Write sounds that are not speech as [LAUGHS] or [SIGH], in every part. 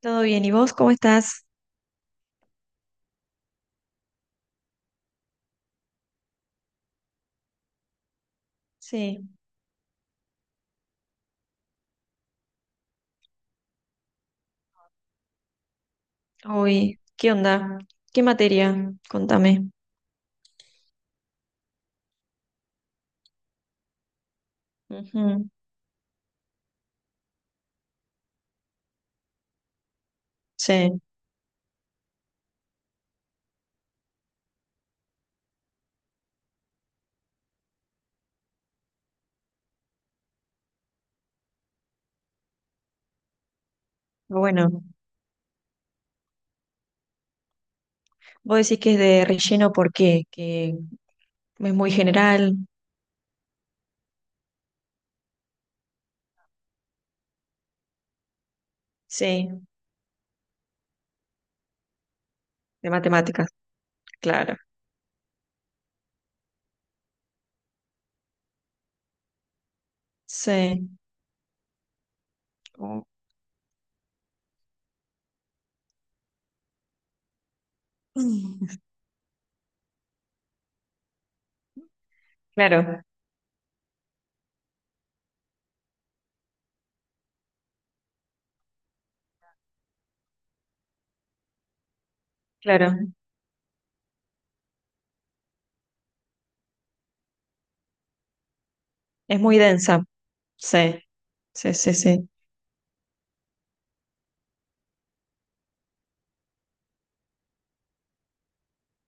Todo bien, ¿y vos cómo estás? Sí, hoy, ¿qué onda? ¿Qué materia? Contame. Ujú, sí, bueno, vos decís que es de relleno, ¿por qué? Que es muy general, sí, de matemáticas, claro, sí. Mm. [LAUGHS] Claro, claro, es muy densa, sí, sí, sí, sí.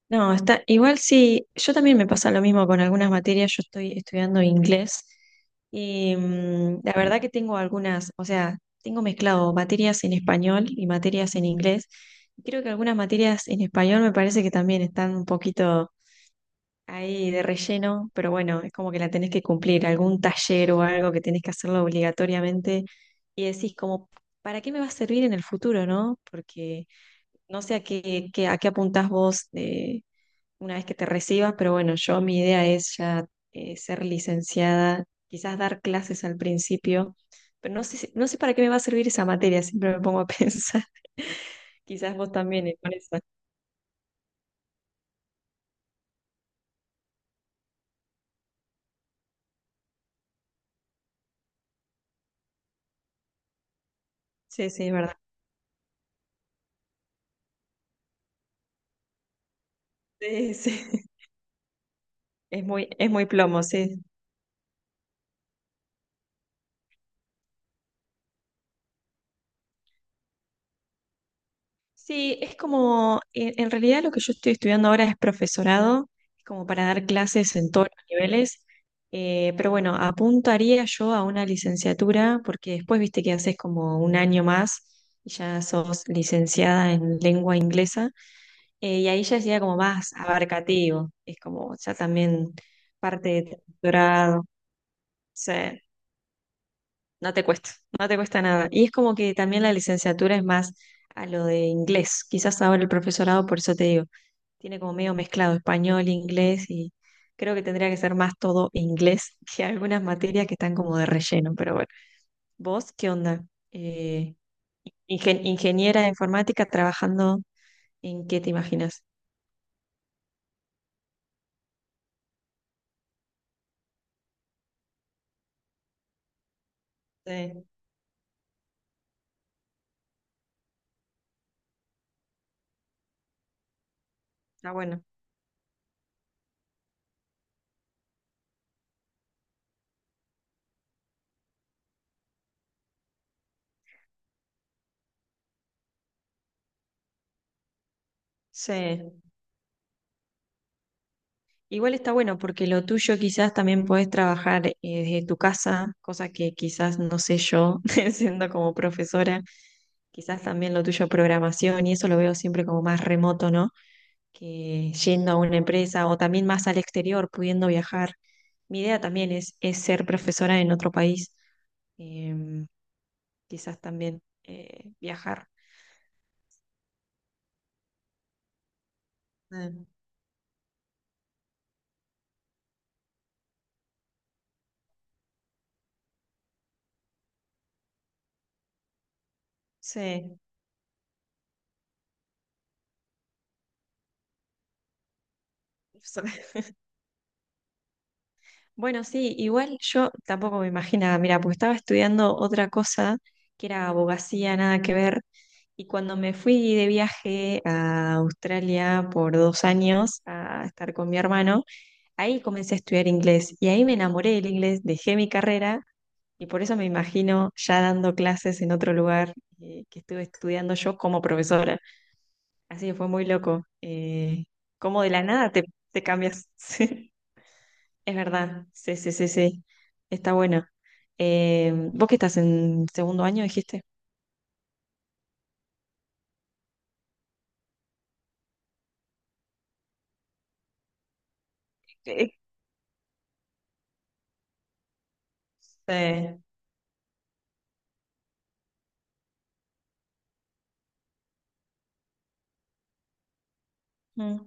No, está igual sí, yo también me pasa lo mismo con algunas materias, yo estoy estudiando inglés y la verdad que tengo algunas, o sea, tengo mezclado materias en español y materias en inglés. Creo que algunas materias en español me parece que también están un poquito ahí de relleno, pero bueno, es como que la tenés que cumplir, algún taller o algo que tenés que hacerlo obligatoriamente y decís como, ¿para qué me va a servir en el futuro, no? Porque no sé a qué, a qué apuntás vos. Una vez que te recibas, pero bueno, yo mi idea es ya ser licenciada, quizás dar clases al principio, pero no sé, no sé para qué me va a servir esa materia, siempre me pongo a [LAUGHS] pensar, quizás vos también con eso. Sí, sí, es verdad. Sí, sí. [LAUGHS] Es muy plomo, sí. Sí, es como, en realidad lo que yo estoy estudiando ahora es profesorado, es como para dar clases en todos los niveles, pero bueno, apuntaría yo a una licenciatura porque después viste que haces como un año más y ya sos licenciada en lengua inglesa, y ahí ya sería como más abarcativo, es como ya también parte de tu doctorado, o sea, no te cuesta, no te cuesta nada. Y es como que también la licenciatura es más a lo de inglés, quizás ahora el profesorado, por eso te digo. Tiene como medio mezclado español, inglés y creo que tendría que ser más todo inglés [LAUGHS] que algunas materias que están como de relleno, pero bueno. ¿Vos qué onda? Eh, Ingeniera de informática trabajando en qué te imaginas? Sí, está bueno. Sí. Igual está bueno porque lo tuyo quizás también podés trabajar desde tu casa, cosa que quizás no sé yo [LAUGHS] siendo como profesora. Quizás también lo tuyo programación y eso lo veo siempre como más remoto, ¿no? Que yendo a una empresa o también más al exterior, pudiendo viajar. Mi idea también es ser profesora en otro país, em, quizás también viajar. Ah, sí. So- [LAUGHS] Bueno, sí, igual yo tampoco me imaginaba, mira, porque estaba estudiando otra cosa que era abogacía, nada que ver, y cuando me fui de viaje a Australia por 2 años a estar con mi hermano, ahí comencé a estudiar inglés y ahí me enamoré del inglés, dejé mi carrera. Y por eso me imagino ya dando clases en otro lugar que estuve estudiando yo como profesora. Así que fue muy loco. Cómo de la nada te, te cambias. [LAUGHS] Sí, es verdad. Sí, sí, sí, sí. Está bueno. Vos que estás en segundo año, dijiste. Eh, Sí, mm,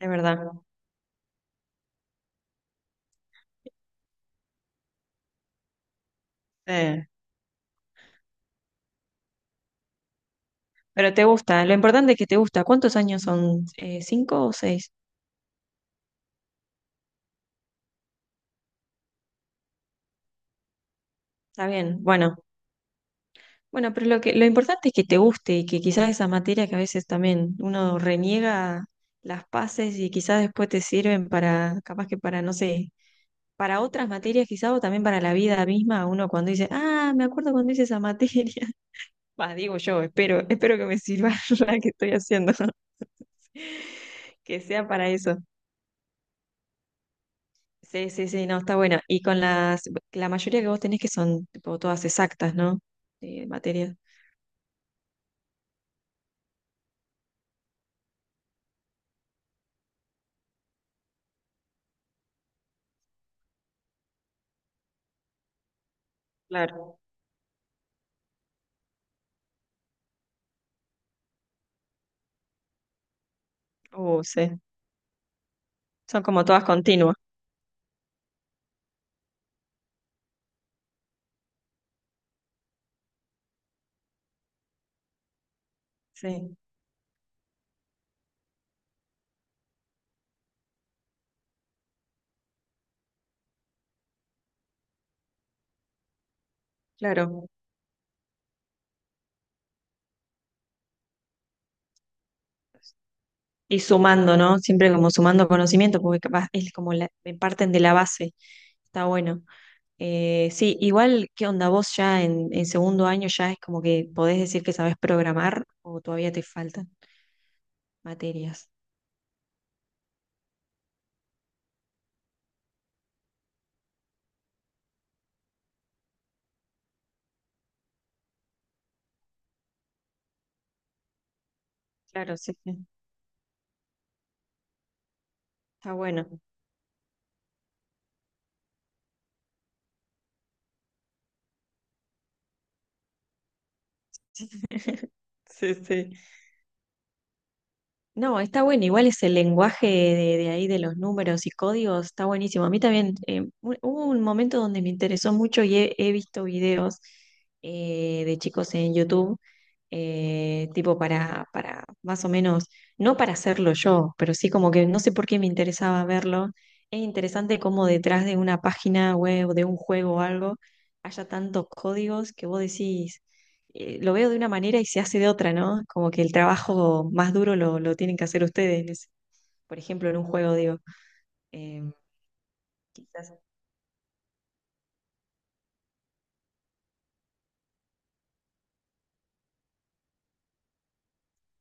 es verdad. Sí. Pero te gusta. Lo importante es que te gusta. ¿Cuántos años son? ¿Cinco o seis? Está bien. Bueno. Bueno, pero lo que, lo importante es que te guste y que quizás esa materia que a veces también uno reniega las pases y quizás después te sirven para, capaz que para, no sé, para otras materias quizás o también para la vida misma, uno cuando dice, ah, me acuerdo cuando hice esa materia. [LAUGHS] Bah, digo yo, espero, espero que me sirva [LAUGHS] la que estoy haciendo, [LAUGHS] que sea para eso. Sí, sí, sí, no, está bueno. Y con las, la mayoría que vos tenés que son tipo todas exactas, ¿no? Materias. Claro. Sí. Son como todas continuas. Sí, claro. Y sumando, ¿no? Siempre como sumando conocimiento, porque capaz es como la, me parten de la base. Está bueno. Sí, igual, ¿qué onda? ¿Vos ya en segundo año ya es como que podés decir que sabés programar o todavía te faltan materias? Claro, sí, sí. Está bueno. [LAUGHS] Sí, sí. No, está bueno, igual ese lenguaje de ahí de los números y códigos está buenísimo. A mí también hubo un momento donde me interesó mucho y he visto videos de chicos en YouTube, tipo para más o menos, no para hacerlo yo, pero sí como que no sé por qué me interesaba verlo. Es interesante cómo detrás de una página web, de un juego o algo, haya tantos códigos que vos decís lo veo de una manera y se hace de otra, ¿no? Como que el trabajo más duro lo tienen que hacer ustedes, en por ejemplo, en un juego, digo. Eh, quizás,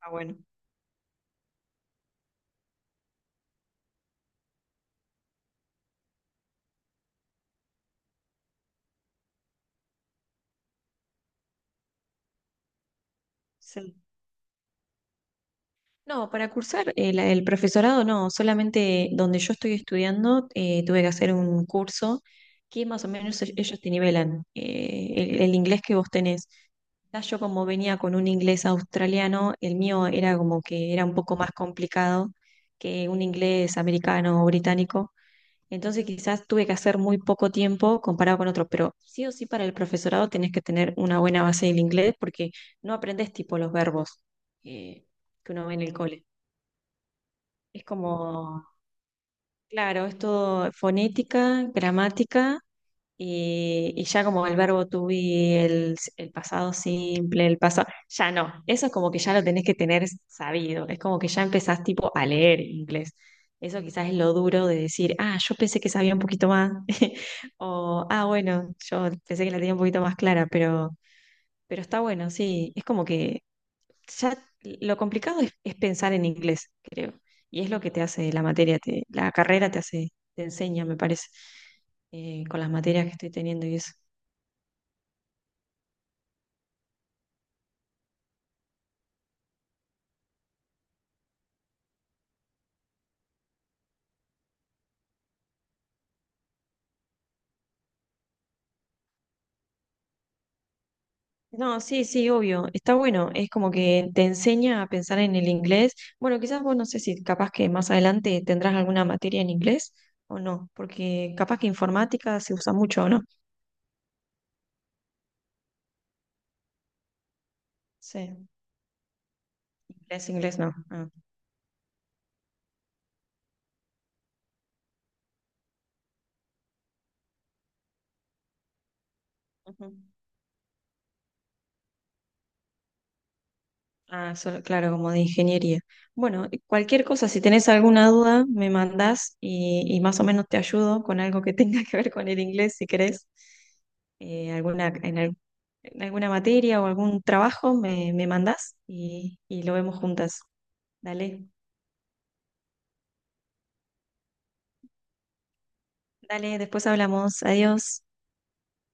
ah, bueno, sí. No, para cursar el profesorado no, solamente donde yo estoy estudiando tuve que hacer un curso que más o menos ellos te nivelan el inglés que vos tenés. Ya yo como venía con un inglés australiano, el mío era como que era un poco más complicado que un inglés americano o británico. Entonces quizás tuve que hacer muy poco tiempo comparado con otros, pero sí o sí para el profesorado tenés que tener una buena base del inglés porque no aprendes tipo los verbos eh, que uno ve en el cole. Es como, claro, es todo fonética, gramática y ya como el verbo to be, el pasado simple, el pasado, ya no, eso es como que ya lo tenés que tener sabido, es como que ya empezás tipo a leer inglés. Eso quizás es lo duro de decir, ah, yo pensé que sabía un poquito más, [LAUGHS] o ah, bueno, yo pensé que la tenía un poquito más clara, pero está bueno, sí, es como que ya lo complicado es pensar en inglés, creo. Y es lo que te hace la materia, la carrera te hace, te enseña, me parece, con las materias que estoy teniendo y eso. No, sí, sí, obvio, está bueno, es como que te enseña a pensar en el inglés. Bueno, quizás vos no sé si capaz que más adelante tendrás alguna materia en inglés o no, porque capaz que informática se usa mucho, ¿o no? Sí, inglés, inglés no. Ah, ujú. Ah, solo- claro, como de ingeniería. Bueno, cualquier cosa, si tenés alguna duda, me mandás y más o menos te ayudo con algo que [LAUGHS] tenga que ver con el inglés, si querés. Eh, alguna, en, al- en alguna materia o algún trabajo, me mandás y lo vemos juntas. Dale, dale, después hablamos. Adiós.